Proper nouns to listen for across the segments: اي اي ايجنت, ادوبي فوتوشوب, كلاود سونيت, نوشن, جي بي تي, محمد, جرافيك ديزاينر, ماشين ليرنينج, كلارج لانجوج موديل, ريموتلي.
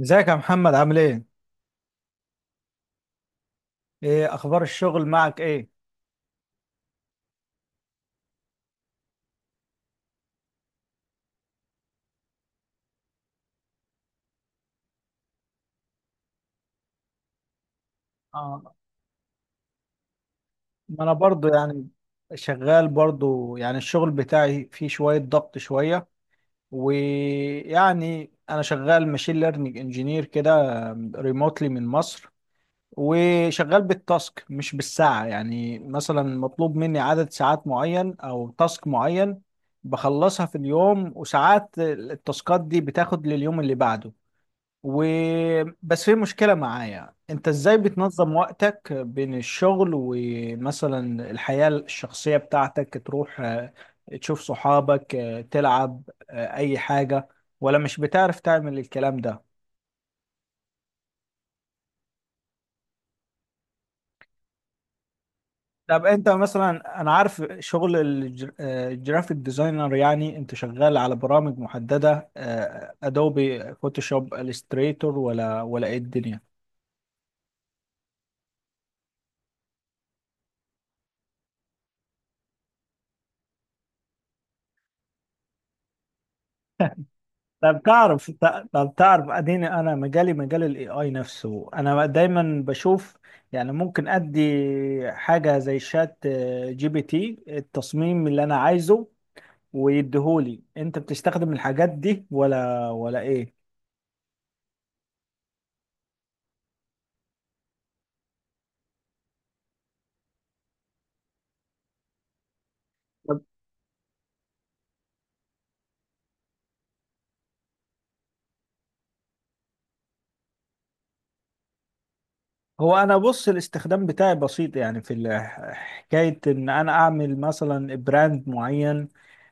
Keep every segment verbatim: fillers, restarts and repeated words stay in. ازيك يا محمد عامل ايه؟ ايه اخبار الشغل معك ايه؟ اه، ما انا برضو يعني شغال برضو، يعني الشغل بتاعي فيه شوية ضغط شوية، ويعني انا شغال ماشين ليرنينج انجينير كده، ريموتلي من مصر، وشغال بالتاسك مش بالساعة. يعني مثلا مطلوب مني عدد ساعات معين او تاسك معين، بخلصها في اليوم، وساعات التاسكات دي بتاخد لليوم اللي بعده. و بس في مشكلة معايا، انت ازاي بتنظم وقتك بين الشغل ومثلا الحياة الشخصية بتاعتك؟ تروح آه، تشوف صحابك، آه، تلعب، آه، اي حاجة، ولا مش بتعرف تعمل الكلام ده؟ طب انت مثلا، انا عارف شغل الج- آه، الجرافيك ديزاينر، يعني انت شغال على برامج محددة؟ ادوبي فوتوشوب، الستريتور، ولا ولا ايه الدنيا؟ طب تعرف طب تعرف اديني، انا مجالي مجال الاي اي نفسه، انا دايما بشوف يعني ممكن ادي حاجه زي شات آه، جي بي تي التصميم اللي انا عايزه ويديهولي. انت بتستخدم الحاجات دي ولا ولا ايه؟ هو انا بص، الاستخدام بتاعي بسيط يعني في ال- حكايه ان انا اعمل مثلا براند معين.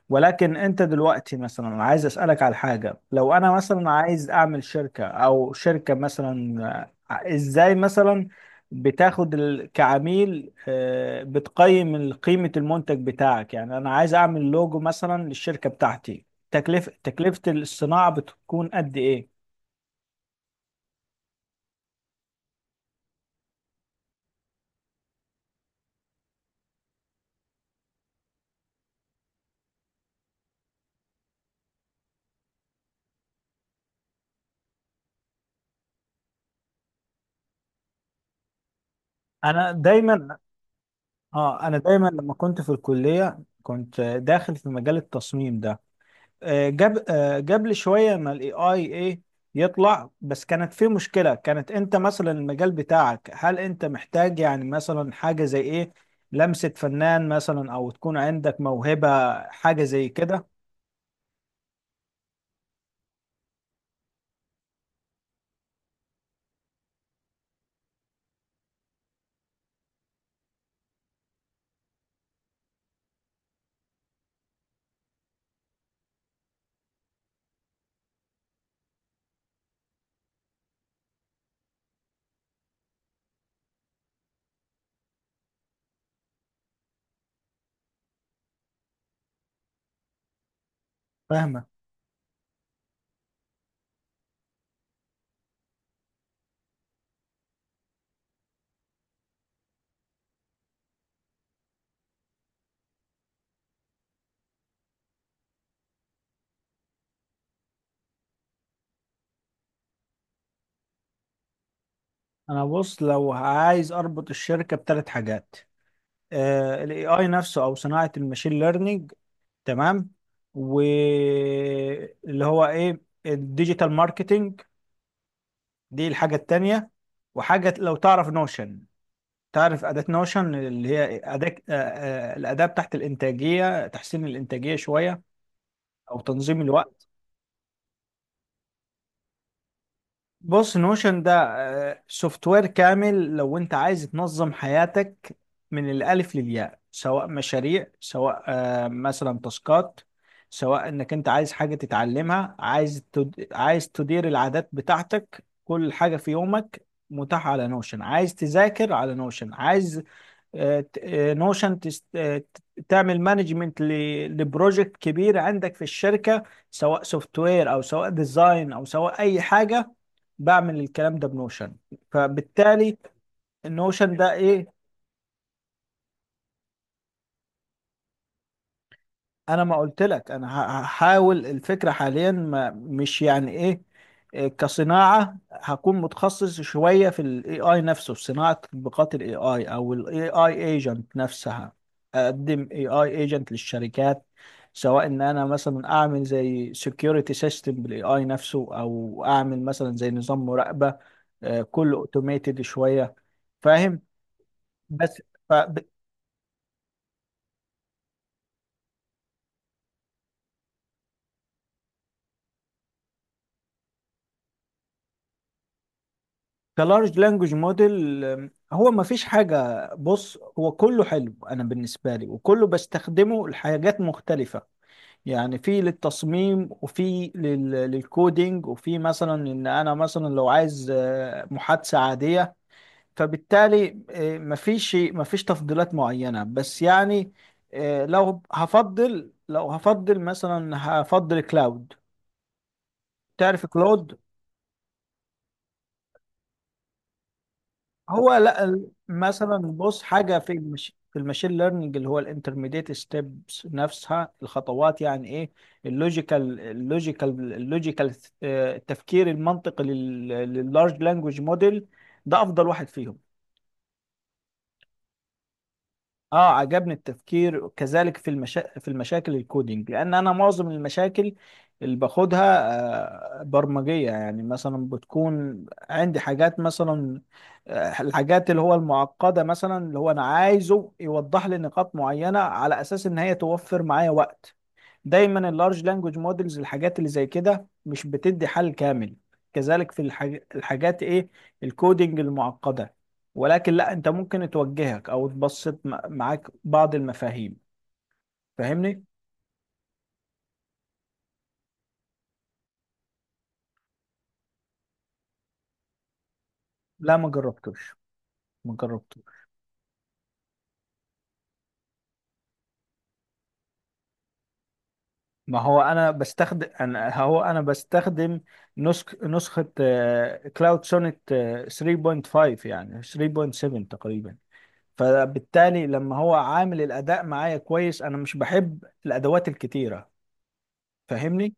ولكن انت دلوقتي مثلا، أنا عايز اسالك على حاجه، لو انا مثلا عايز اعمل شركه او شركه مثلا، آه، ازاي مثلا بتاخد ال- كعميل، آه، بتقيم ال- قيمه المنتج بتاعك؟ يعني انا عايز اعمل لوجو مثلا للشركه بتاعتي، تكلفه تكلفه الصناعه بتكون قد ايه؟ انا دايما اه انا دايما لما كنت في الكليه كنت داخل في مجال التصميم ده. آه، جاب آه، جاب لي شويه، ما الاي اي ايه يطلع، بس كانت في مشكله. كانت انت مثلا المجال بتاعك، هل انت محتاج يعني مثلا حاجه زي ايه؟ لمسه فنان مثلا، او تكون عندك موهبه، حاجه زي كده؟ فاهمه. انا بص، لو عايز اربط الشركه بثلاث حاجات، الاي اي نفسه او صناعه الماشين ليرنينج، تمام، واللي هو ايه، الديجيتال ماركتينج، دي الحاجة التانية، وحاجة لو تعرف نوشن. تعرف أداة نوشن؟ اللي هي أداة، آه، آه، الأداة بتاعت الإنتاجية، تحسين الإنتاجية شوية أو تنظيم الوقت. بص، نوشن ده آه، سوفت وير كامل لو انت عايز تنظم حياتك من الالف للياء، سواء مشاريع، سواء آه، مثلا تاسكات، سواء انك انت عايز حاجة تتعلمها، عايز تد... عايز تدير العادات بتاعتك. كل حاجة في يومك متاحة على نوشن. عايز تذاكر على نوشن، عايز نوشن تعمل مانجمنت لبروجكت كبير عندك في الشركة، سواء سوفت وير او سواء ديزاين او سواء اي حاجة، بعمل الكلام ده بنوشن. فبالتالي النوشن ده ايه؟ انا ما قلت لك، انا ه- هحاول الفكره حاليا، ما مش يعني ايه، إيه كصناعه، هكون متخصص شويه في الاي اي نفسه، في صناعه تطبيقات الاي اي او الاي اي ايجنت نفسها. اقدم اي اي ايجنت للشركات، سواء ان انا مثلا اعمل زي سكيورتي سيستم بالاي اي نفسه، او اعمل مثلا زي نظام مراقبه، آه، كله اوتوميتد شويه. فاهم؟ بس كلارج لانجوج موديل، هو ما فيش حاجة، بص هو كله حلو أنا بالنسبة لي، وكله بستخدمه لحاجات مختلفة. يعني في للتصميم، وفي لل- للكودينج، وفي مثلا إن أنا مثلا لو عايز آه، محادثة عادية. فبالتالي آه، ما فيش ما فيش تفضيلات معينة، بس يعني آه، لو هفضل لو هفضل مثلا هفضل كلاود. تعرف كلاود؟ هو لا ال- مثلا بص، حاجه في المش... في الماشين ليرنينج، اللي هو الانترميديت ستيبس نفسها، الخطوات يعني ايه، اللوجيكال اللوجيكال اللوجيكال التفكير المنطقي لل... لللارج لانجوج موديل، ده افضل واحد فيهم. اه عجبني التفكير، كذلك في المشا... في المشاكل الكودينج، لان انا معظم المشاكل اللي باخدها آه، برمجيه. يعني مثلا بتكون عندي حاجات مثلا آه، الحاجات اللي هو المعقده، مثلا اللي هو انا عايزه يوضح لي نقاط معينه على اساس ان هي توفر معايا وقت. دايما اللارج لانجوج مودلز الحاجات اللي زي كده مش بتدي حل كامل، كذلك في الحاج... الحاجات ايه، الكودينج المعقدة. ولكن لا، انت ممكن توجهك او تبسط م- معاك بعض المفاهيم، فاهمني؟ لا، ما جربتوش، ما جربتوش. ما هو انا بستخدم انا هو انا بستخدم نسخ نسخة كلاود سونيت تلاتة وخمسة، يعني تلاتة وسبعة تقريبا. فبالتالي لما هو عامل الاداء معايا كويس، انا مش بحب الادوات الكتيره، فاهمني؟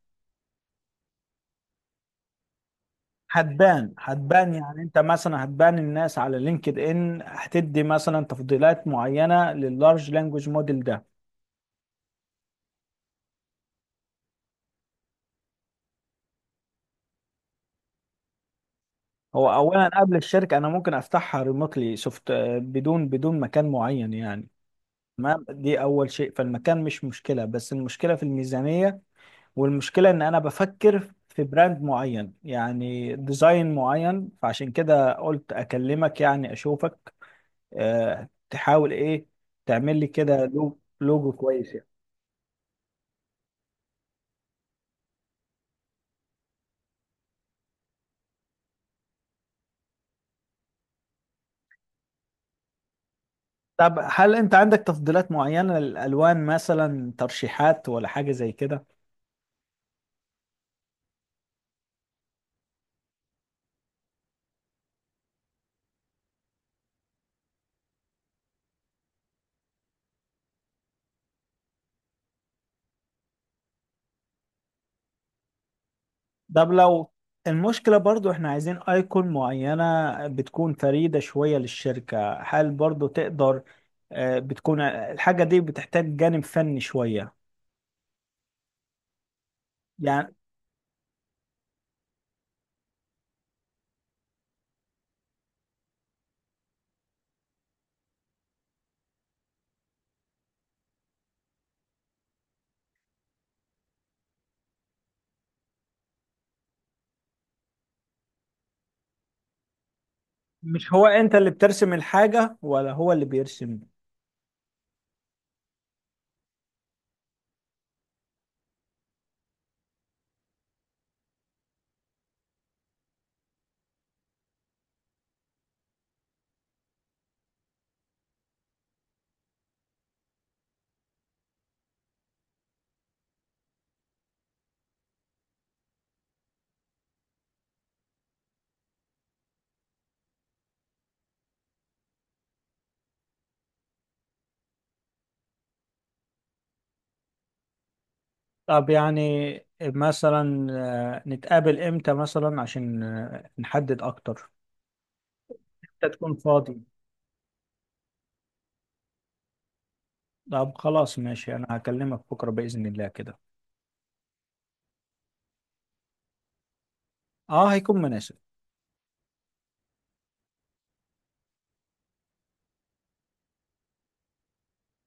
هتبان هتبان يعني، انت مثلا هتبان الناس على لينكد ان هتدي مثلا تفضيلات معينه لللارج لانجوج موديل ده. هو اولا قبل الشركه انا ممكن افتحها ريموتلي سوفت، بدون بدون مكان معين يعني. تمام، دي اول شيء، فالمكان مش مشكله، بس المشكله في الميزانيه، والمشكله ان انا بفكر في براند معين يعني ديزاين معين. فعشان كده قلت اكلمك يعني اشوفك، آه، تحاول ايه، تعمل لي كده لو- لوجو كويس يعني. طب هل انت عندك تفضيلات معينة للالوان مثلا، ترشيحات ولا حاجة زي كده؟ طب لو المشكلة برضو احنا عايزين ايكون معينة، بتكون فريدة شوية للشركة، هل برضو تقدر؟ آه، بتكون الحاجة دي بتحتاج جانب فني شوية يعني؟ مش هو انت اللي بترسم الحاجة ولا هو اللي بيرسم؟ طب يعني مثلا آه، نتقابل امتى مثلا عشان آه، نحدد اكتر؟ انت تكون فاضي؟ طب خلاص ماشي، انا هكلمك بكرة بإذن الله كده. اه هيكون مناسب.